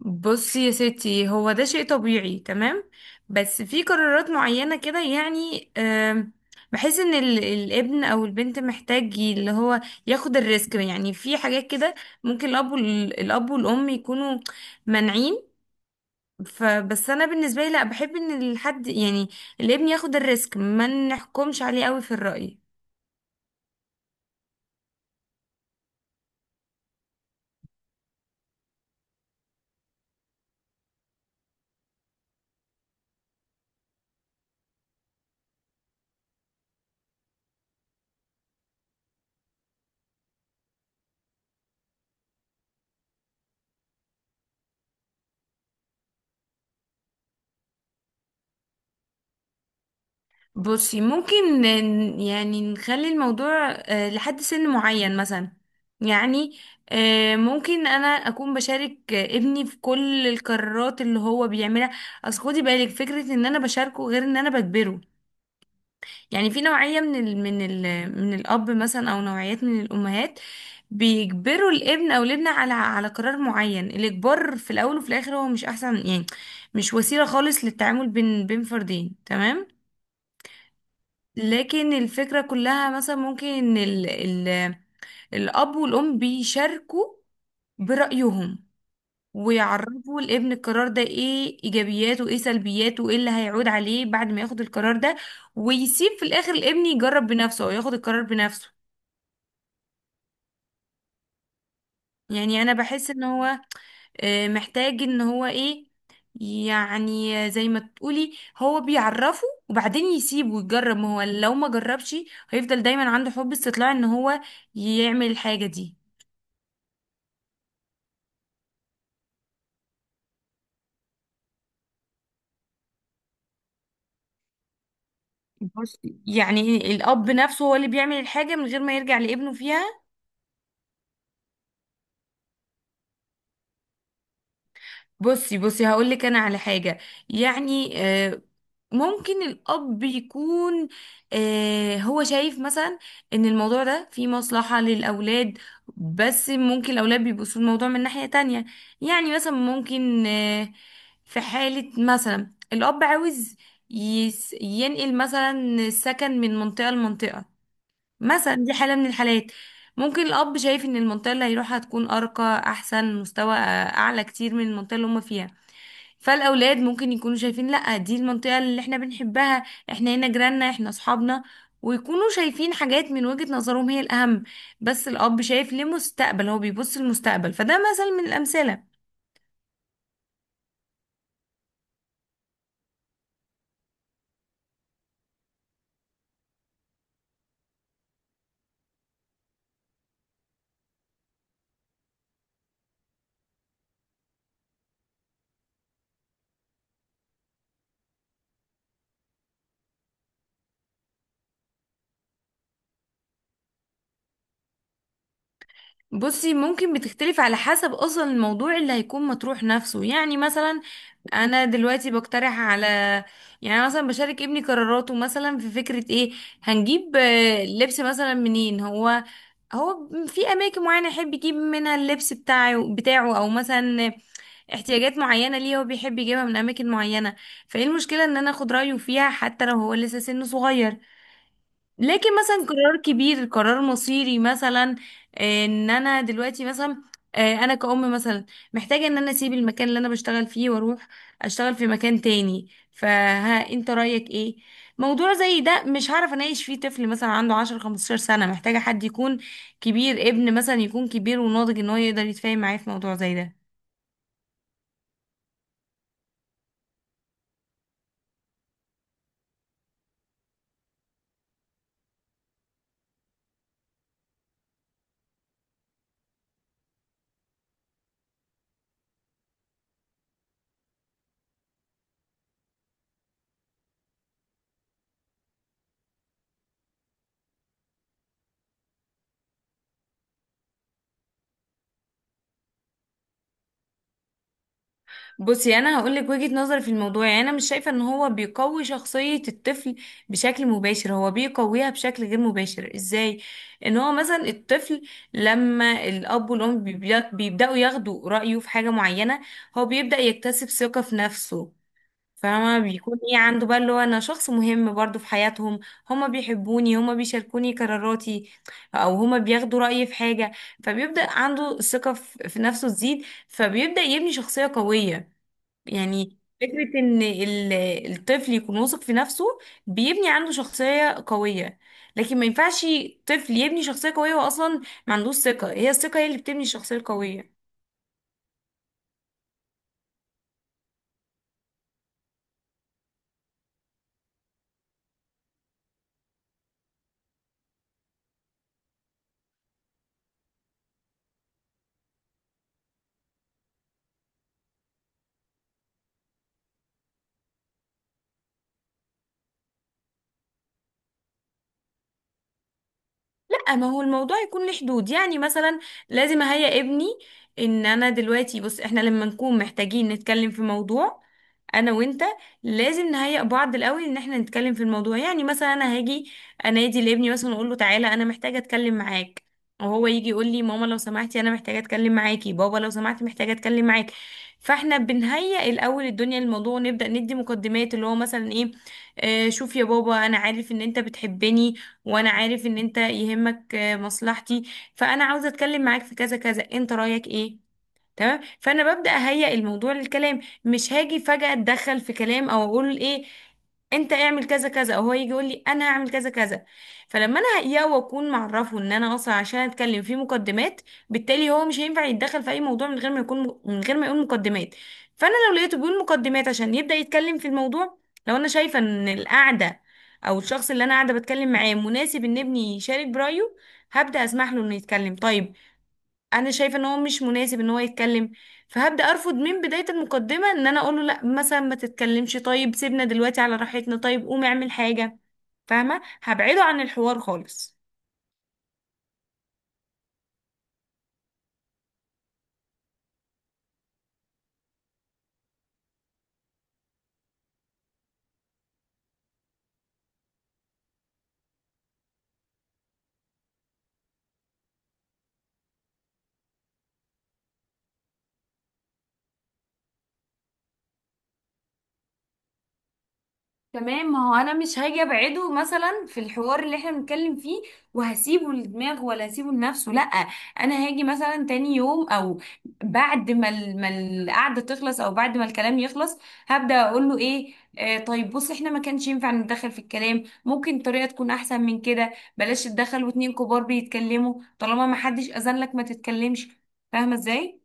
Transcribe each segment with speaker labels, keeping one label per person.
Speaker 1: بصي يا ستي، هو ده شيء طبيعي، تمام. بس في قرارات معينة كده يعني بحس ان الابن او البنت محتاج اللي هو ياخد الريسك، يعني في حاجات كده ممكن الاب والام يكونوا مانعين. فبس انا بالنسبة لي لا، بحب ان الحد يعني الابن ياخد الريسك، ما نحكمش عليه قوي في الرأي. بصي ممكن يعني نخلي الموضوع لحد سن معين مثلا. يعني ممكن انا اكون بشارك ابني في كل القرارات اللي هو بيعملها. اصل خدي بالك فكرة ان انا بشاركه غير ان انا بجبره. يعني في نوعية من الاب مثلا او نوعيات من الامهات بيجبروا الابن او الابنة على قرار معين. الاجبار في الاول وفي الاخر هو مش احسن، يعني مش وسيلة خالص للتعامل بين فردين، تمام. لكن الفكرة كلها مثلا ممكن ان ال ال الاب والام بيشاركوا برأيهم، ويعرفوا الابن القرار ده ايه ايجابياته وايه سلبياته وايه اللي هيعود عليه بعد ما ياخد القرار ده، ويسيب في الاخر الابن يجرب بنفسه او ياخد القرار بنفسه. يعني انا بحس ان هو محتاج ان هو ايه، يعني زي ما تقولي هو بيعرفه وبعدين يسيبه ويجرب، ما هو لو ما جربش هيفضل دايما عنده حب استطلاع ان هو يعمل الحاجة دي. بصي يعني الأب نفسه هو اللي بيعمل الحاجة من غير ما يرجع لابنه فيها. بصي، هقولك أنا على حاجة. يعني ممكن الأب يكون هو شايف مثلا إن الموضوع ده فيه مصلحة للأولاد، بس ممكن الأولاد بيبصوا الموضوع من ناحية تانية. يعني مثلا ممكن في حالة مثلا الأب عاوز ينقل مثلا السكن من منطقة لمنطقة. مثلا دي حالة من الحالات. ممكن الأب شايف إن المنطقة اللي هيروحها هتكون أرقى، أحسن مستوى، أعلى كتير من المنطقة اللي هما فيها. فالأولاد ممكن يكونوا شايفين لأ، دي المنطقة اللي احنا بنحبها، احنا هنا جيراننا، احنا أصحابنا، ويكونوا شايفين حاجات من وجهة نظرهم هي الأهم. بس الأب شايف لمستقبل، هو بيبص للمستقبل. فده مثل من الأمثلة. بصي ممكن بتختلف على حسب أصلا الموضوع اللي هيكون مطروح نفسه. يعني مثلا انا دلوقتي بقترح على، يعني أنا مثلا بشارك ابني قراراته مثلا في فكرة ايه؟ هنجيب لبس مثلا منين؟ هو في اماكن معينة يحب يجيب منها اللبس بتاعه او مثلا احتياجات معينة ليه هو بيحب يجيبها من اماكن معينة. فايه المشكلة ان انا اخد رأيه فيها حتى لو هو لسه سنه صغير؟ لكن مثلا قرار كبير، قرار مصيري مثلا، ان انا دلوقتي مثلا انا كأم مثلا محتاجة ان انا اسيب المكان اللي انا بشتغل فيه واروح اشتغل في مكان تاني، فها انت رأيك ايه؟ موضوع زي ده مش هعرف اناقش فيه طفل مثلا عنده 10 15 سنة، محتاجة حد يكون كبير، ابن مثلا يكون كبير وناضج ان هو يقدر يتفاهم معايا في موضوع زي ده. بصي انا هقول لك وجهة نظري في الموضوع. يعني انا مش شايفه ان هو بيقوي شخصيه الطفل بشكل مباشر، هو بيقويها بشكل غير مباشر. ازاي؟ ان هو مثلا الطفل لما الاب والام بيبداوا ياخدوا رايه في حاجه معينه، هو بيبدا يكتسب ثقه في نفسه. فما بيكون ايه عنده بقى، اللي هو انا شخص مهم برضو في حياتهم، هما بيحبوني، هما بيشاركوني قراراتي، او هما بياخدوا رايي في حاجه. فبيبدا عنده الثقه في نفسه تزيد، فبيبدا يبني شخصيه قويه. يعني فكرة إن الطفل يكون واثق في نفسه بيبني عنده شخصية قوية. لكن ما ينفعش طفل يبني شخصية قوية وأصلا ما عندوش ثقة، هي الثقة هي اللي بتبني الشخصية القوية. لا، ما هو الموضوع يكون له حدود. يعني مثلا لازم اهيئ ابني ان انا دلوقتي، بص احنا لما نكون محتاجين نتكلم في موضوع انا وانت لازم نهيئ بعض الاول ان احنا نتكلم في الموضوع. يعني مثلا انا هاجي انادي لابني مثلا اقول له تعالى انا محتاجه اتكلم معاك، وهو يجي يقول لي ماما لو سمحتي انا محتاجه اتكلم معاكي، بابا لو سمحتي محتاجه اتكلم معاك. فاحنا بنهيئ الاول الدنيا للموضوع، ونبدا ندي مقدمات، اللي هو مثلا ايه؟ شوف يا بابا انا عارف ان انت بتحبني، وانا عارف ان انت يهمك مصلحتي، فانا عاوزه اتكلم معاك في كذا كذا، انت رايك ايه؟ تمام، فانا ببدا اهيئ الموضوع للكلام، مش هاجي فجاه اتدخل في كلام او اقول ايه، انت اعمل كذا كذا، او هو يجي يقول لي انا هعمل كذا كذا. فلما انا هيئه واكون معرفه ان انا اصلا عشان اتكلم في مقدمات، بالتالي هو مش هينفع يتدخل في اي موضوع من غير ما يقول مقدمات. فانا لو لقيته بيقول مقدمات عشان يبدا يتكلم في الموضوع، لو انا شايفه ان القعده او الشخص اللي انا قاعده بتكلم معاه مناسب ان ابني يشارك برايه، هبدا اسمح له انه يتكلم. طيب انا شايفه ان هو مش مناسب ان هو يتكلم، فهبدا ارفض من بدايه المقدمه، ان انا اقول له لا مثلا ما تتكلمش، طيب سيبنا دلوقتي على راحتنا، طيب قوم اعمل حاجه، فاهمه؟ هبعده عن الحوار خالص. تمام، ما هو انا مش هاجي ابعده مثلا في الحوار اللي احنا بنتكلم فيه وهسيبه لدماغه، ولا هسيبه لنفسه، لا. انا هاجي مثلا تاني يوم او بعد ما القعده تخلص او بعد ما الكلام يخلص، هبدا اقول له ايه، طيب بص احنا ما كانش ينفع نتدخل في الكلام، ممكن طريقه تكون احسن من كده، بلاش تتدخل واتنين كبار بيتكلموا، طالما ما حدش اذن لك ما تتكلمش، فاهمه ازاي؟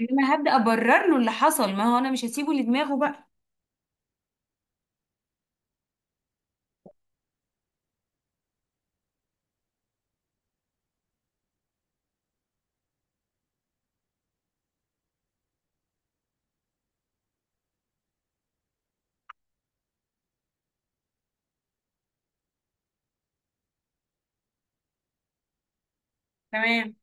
Speaker 1: انما هبدا ابرر له اللي حصل، ما هو انا مش هسيبه لدماغه بقى. تمام.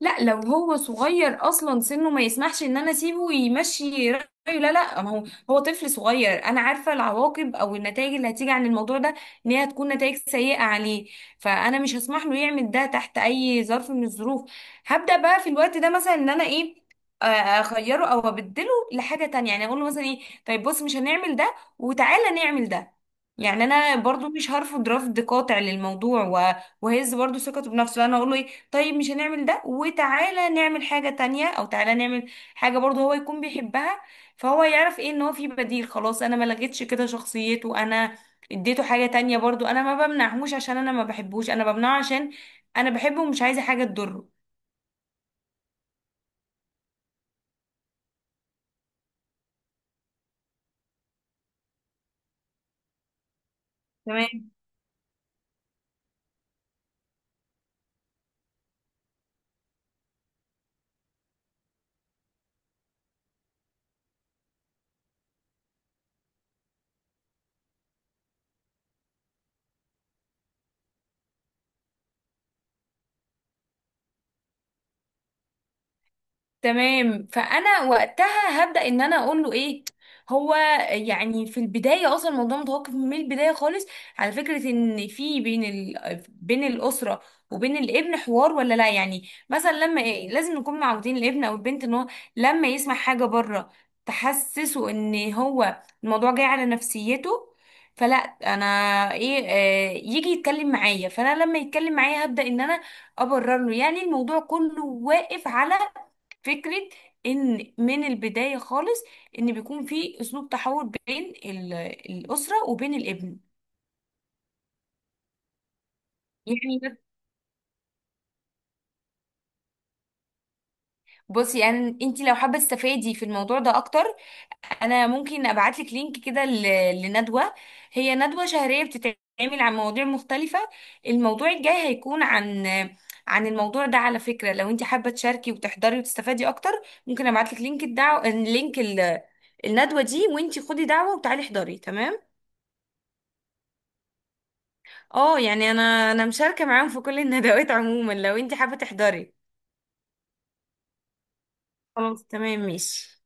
Speaker 1: لا لو هو صغير اصلا سنه ما يسمحش ان انا اسيبه يمشي رايه، لا لا، ما هو طفل صغير، انا عارفه العواقب او النتائج اللي هتيجي عن الموضوع ده، ان هي هتكون نتائج سيئه عليه، فانا مش هسمح له يعمل ده تحت اي ظرف من الظروف. هبدا بقى في الوقت ده مثلا ان انا ايه، اغيره او ابدله لحاجه تانية. يعني اقول له مثلا ايه، طيب بص مش هنعمل ده وتعالى نعمل ده. يعني انا برضو مش هرفض رفض قاطع للموضوع، وهز برضو ثقته بنفسه، انا اقول له إيه، طيب مش هنعمل ده وتعالى نعمل حاجة تانية، او تعالى نعمل حاجة برضه هو يكون بيحبها. فهو يعرف ايه، ان هو في بديل، خلاص انا ما لغيتش كده شخصيته، انا اديته حاجة تانية برضه، انا ما بمنعهوش عشان انا ما بحبوش، انا بمنعه عشان انا بحبه ومش عايزة حاجة تضره. تمام، فانا وقتها هبدا ان انا اقول له ايه هو، يعني في البدايه اصلا الموضوع متوقف من البدايه خالص على فكره ان في بين بين الاسره وبين الابن حوار ولا لا. يعني مثلا لما إيه، لازم نكون معودين الابن او البنت ان هو لما يسمع حاجه بره تحسسه ان هو الموضوع جاي على نفسيته، فلا انا ايه، يجي يتكلم معايا، فانا لما يتكلم معايا هبدا ان انا ابرر له. يعني الموضوع كله واقف على فكرة ان من البداية خالص، ان بيكون في اسلوب تحول بين الاسرة وبين الابن. يعني بصي، يعني انت لو حابة تستفادي في الموضوع ده اكتر، انا ممكن ابعت لك لينك كده لندوة، هي ندوة شهرية بتتعمل عن مواضيع مختلفة. الموضوع الجاي هيكون عن الموضوع ده، على فكرة. لو انت حابة تشاركي وتحضري وتستفادي اكتر، ممكن ابعت لك لينك الدعوة، لينك الندوة دي، وانت خدي دعوة وتعالي احضري، تمام. اه، يعني انا مشاركة معاهم في كل الندوات عموما، لو انت حابة تحضري. خلاص، تمام، ماشي.